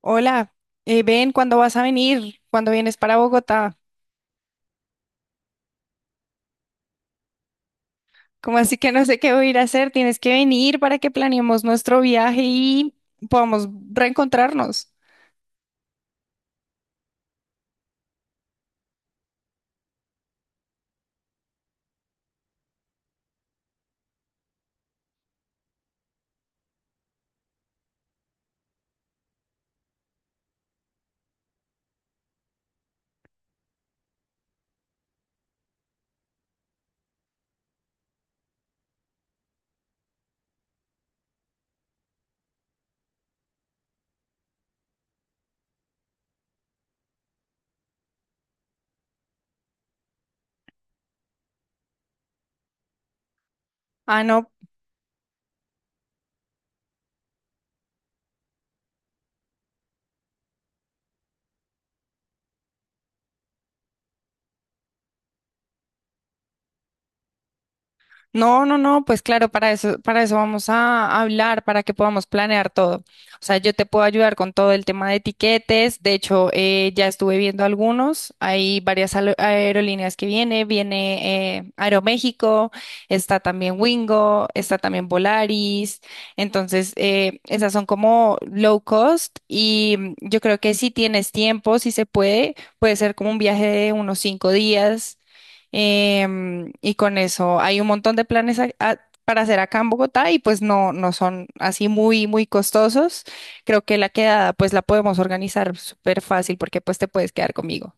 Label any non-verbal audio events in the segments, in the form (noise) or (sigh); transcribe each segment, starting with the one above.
Hola, ven, ¿cuándo vas a venir? ¿Cuándo vienes para Bogotá? ¿Como así que no sé qué voy a ir a hacer? Tienes que venir para que planeemos nuestro viaje y podamos reencontrarnos. Ah, no. No, no, no, pues claro, para eso vamos a hablar, para que podamos planear todo. O sea, yo te puedo ayudar con todo el tema de etiquetes. De hecho, ya estuve viendo algunos. Hay varias aerolíneas que viene. Viene Aeroméxico, está también Wingo, está también Volaris. Entonces, esas son como low cost y yo creo que si tienes tiempo, si se puede, puede ser como un viaje de unos 5 días. Y con eso hay un montón de planes para hacer acá en Bogotá, y pues no, no son así muy, muy costosos. Creo que la quedada pues la podemos organizar súper fácil, porque pues te puedes quedar conmigo.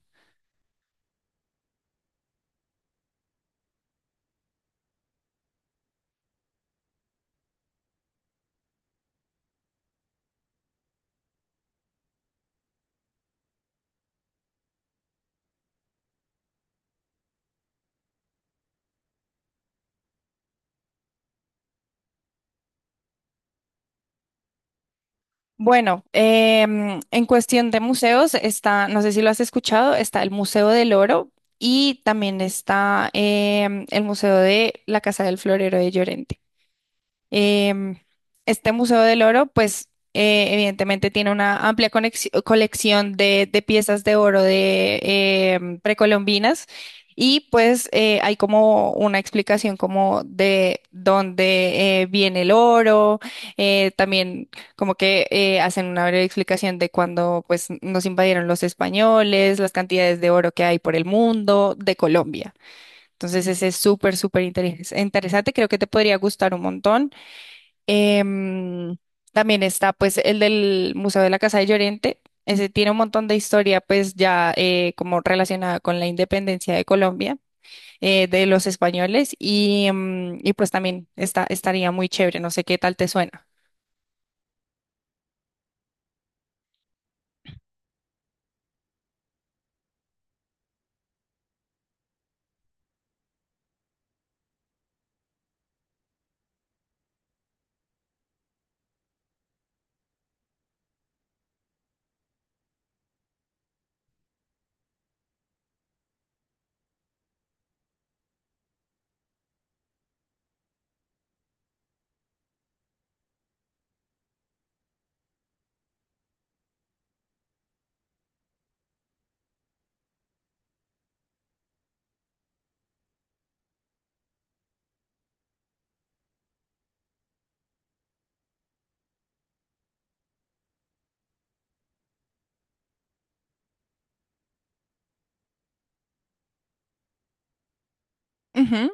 Bueno, en cuestión de museos está, no sé si lo has escuchado, está el Museo del Oro y también está el Museo de la Casa del Florero de Llorente. Em, este Museo del Oro, pues evidentemente tiene una amplia colección de piezas de oro de precolombinas, y pues hay como una explicación como de dónde viene el oro, también como que hacen una breve explicación de cuando pues nos invadieron los españoles, las cantidades de oro que hay por el mundo, de Colombia. Entonces ese es súper, súper interesante, creo que te podría gustar un montón. Em, También está pues el del Museo de la Casa de Llorente. Ese tiene un montón de historia pues ya como relacionada con la independencia de Colombia, de los españoles, y, em, y pues también está, estaría muy chévere. No sé qué tal te suena. Ujú.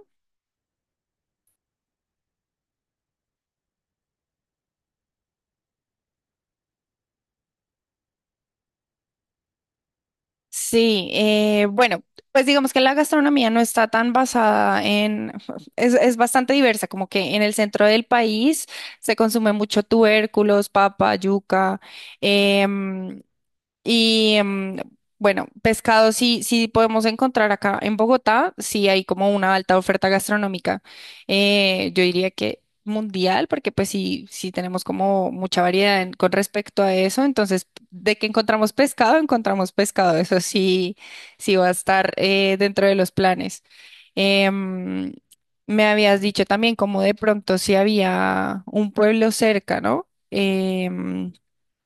Sí, bueno, pues digamos que la gastronomía no está tan basada en, (laughs) es bastante diversa, como que en el centro del país se consume mucho tubérculos, papa, yuca, em, y mm, bueno, pescado sí, sí podemos encontrar acá en Bogotá, sí hay como una alta oferta gastronómica. Yo diría que mundial, porque pues sí, sí tenemos como mucha variedad en- con respecto a eso. Entonces, de que encontramos pescado, encontramos pescado. Eso sí, sí va a estar dentro de los planes. Em, Me habías dicho también como de pronto si había un pueblo cerca, ¿no? Em,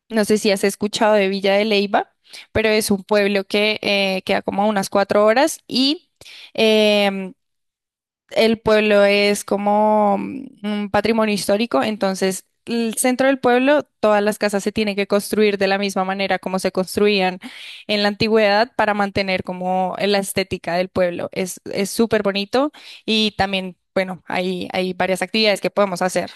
no sé si has escuchado de Villa de Leyva, pero es un pueblo que queda como a unas 4 horas, y em, el pueblo es como mm, un patrimonio histórico, entonces el centro del pueblo, todas las casas se tienen que construir de la misma manera como se construían en la antigüedad para mantener como la estética del pueblo. Es súper bonito y también, bueno, hay varias actividades que podemos hacer.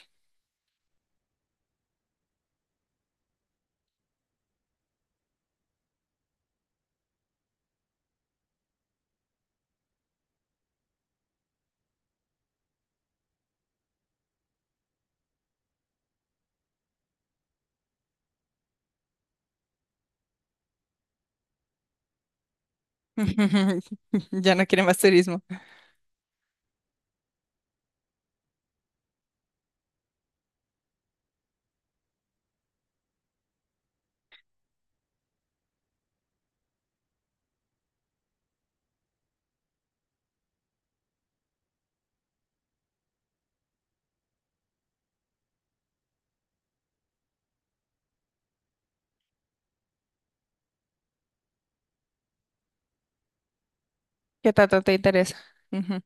(laughs) Ya no quiere más turismo. ¿Qué tanto te interesa? Ujú.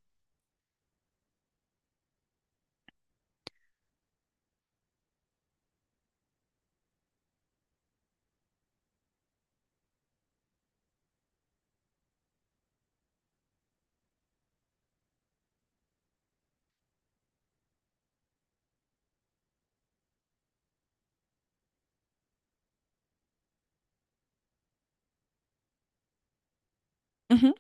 Ujú.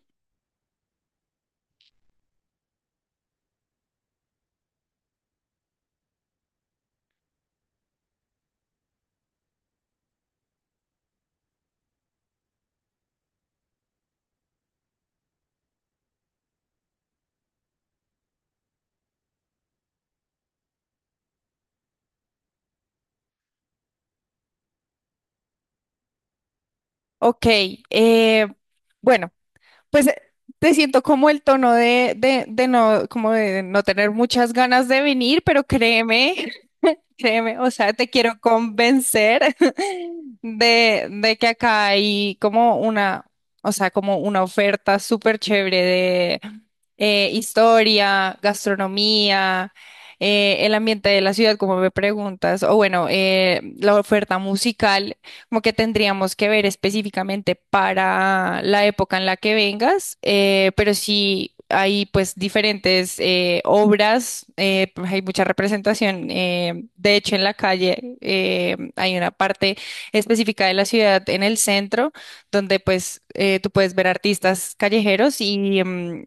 Ok, eh, bueno, pues te siento como el tono de no, como de no tener muchas ganas de venir, pero créeme, (laughs) créeme, o sea, te quiero convencer (laughs) de que acá hay como una, o sea, como una oferta súper chévere, historia, gastronomía, el ambiente de la ciudad, como me preguntas, o bueno, la oferta musical, como que tendríamos que ver específicamente para la época en la que vengas, pero sí hay pues diferentes obras, pues, hay mucha representación, de hecho en la calle hay una parte específica de la ciudad en el centro donde pues tú puedes ver artistas callejeros y, mm,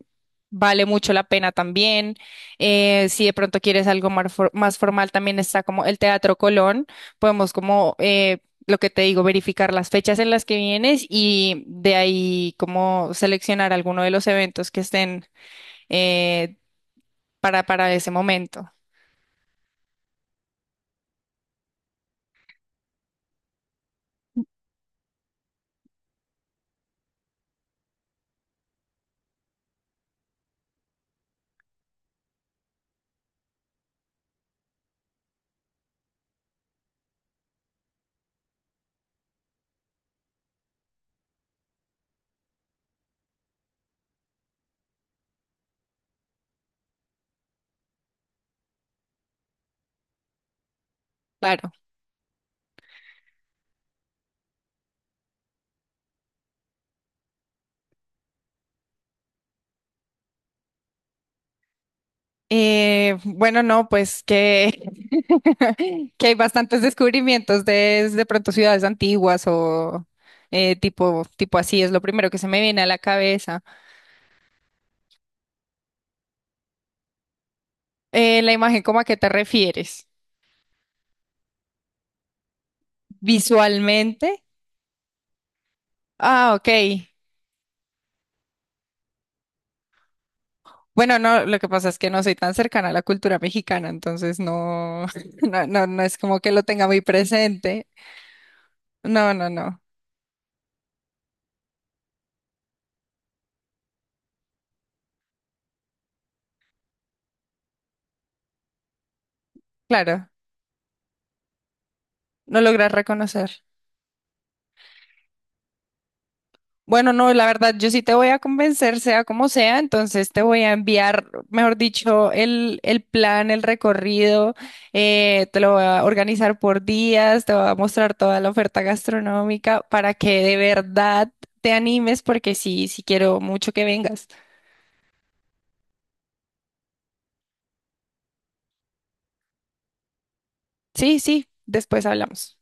vale mucho la pena también. Si de pronto quieres algo más, formal, también está como el Teatro Colón. Podemos como, lo que te digo, verificar las fechas en las que vienes y de ahí como seleccionar alguno de los eventos que estén eh, para ese momento. Claro. Bueno, no, pues que, (laughs) que hay bastantes descubrimientos de pronto ciudades antiguas o tipo, tipo así, es lo primero que se me viene a la cabeza. La imagen, ¿cómo, a qué te refieres? Visualmente. Ah, ok. Bueno, no, lo que pasa es que no soy tan cercana a la cultura mexicana, entonces no, (laughs) no, no, no es como que lo tenga muy presente. No, no, no. Claro, no logras reconocer. Bueno, no, la verdad, yo sí te voy a convencer, sea como sea, entonces te voy a enviar, mejor dicho, el plan, el recorrido, te lo voy a organizar por días, te voy a mostrar toda la oferta gastronómica para que de verdad te animes, porque sí, sí quiero mucho que vengas. Sí, sí, después hablamos.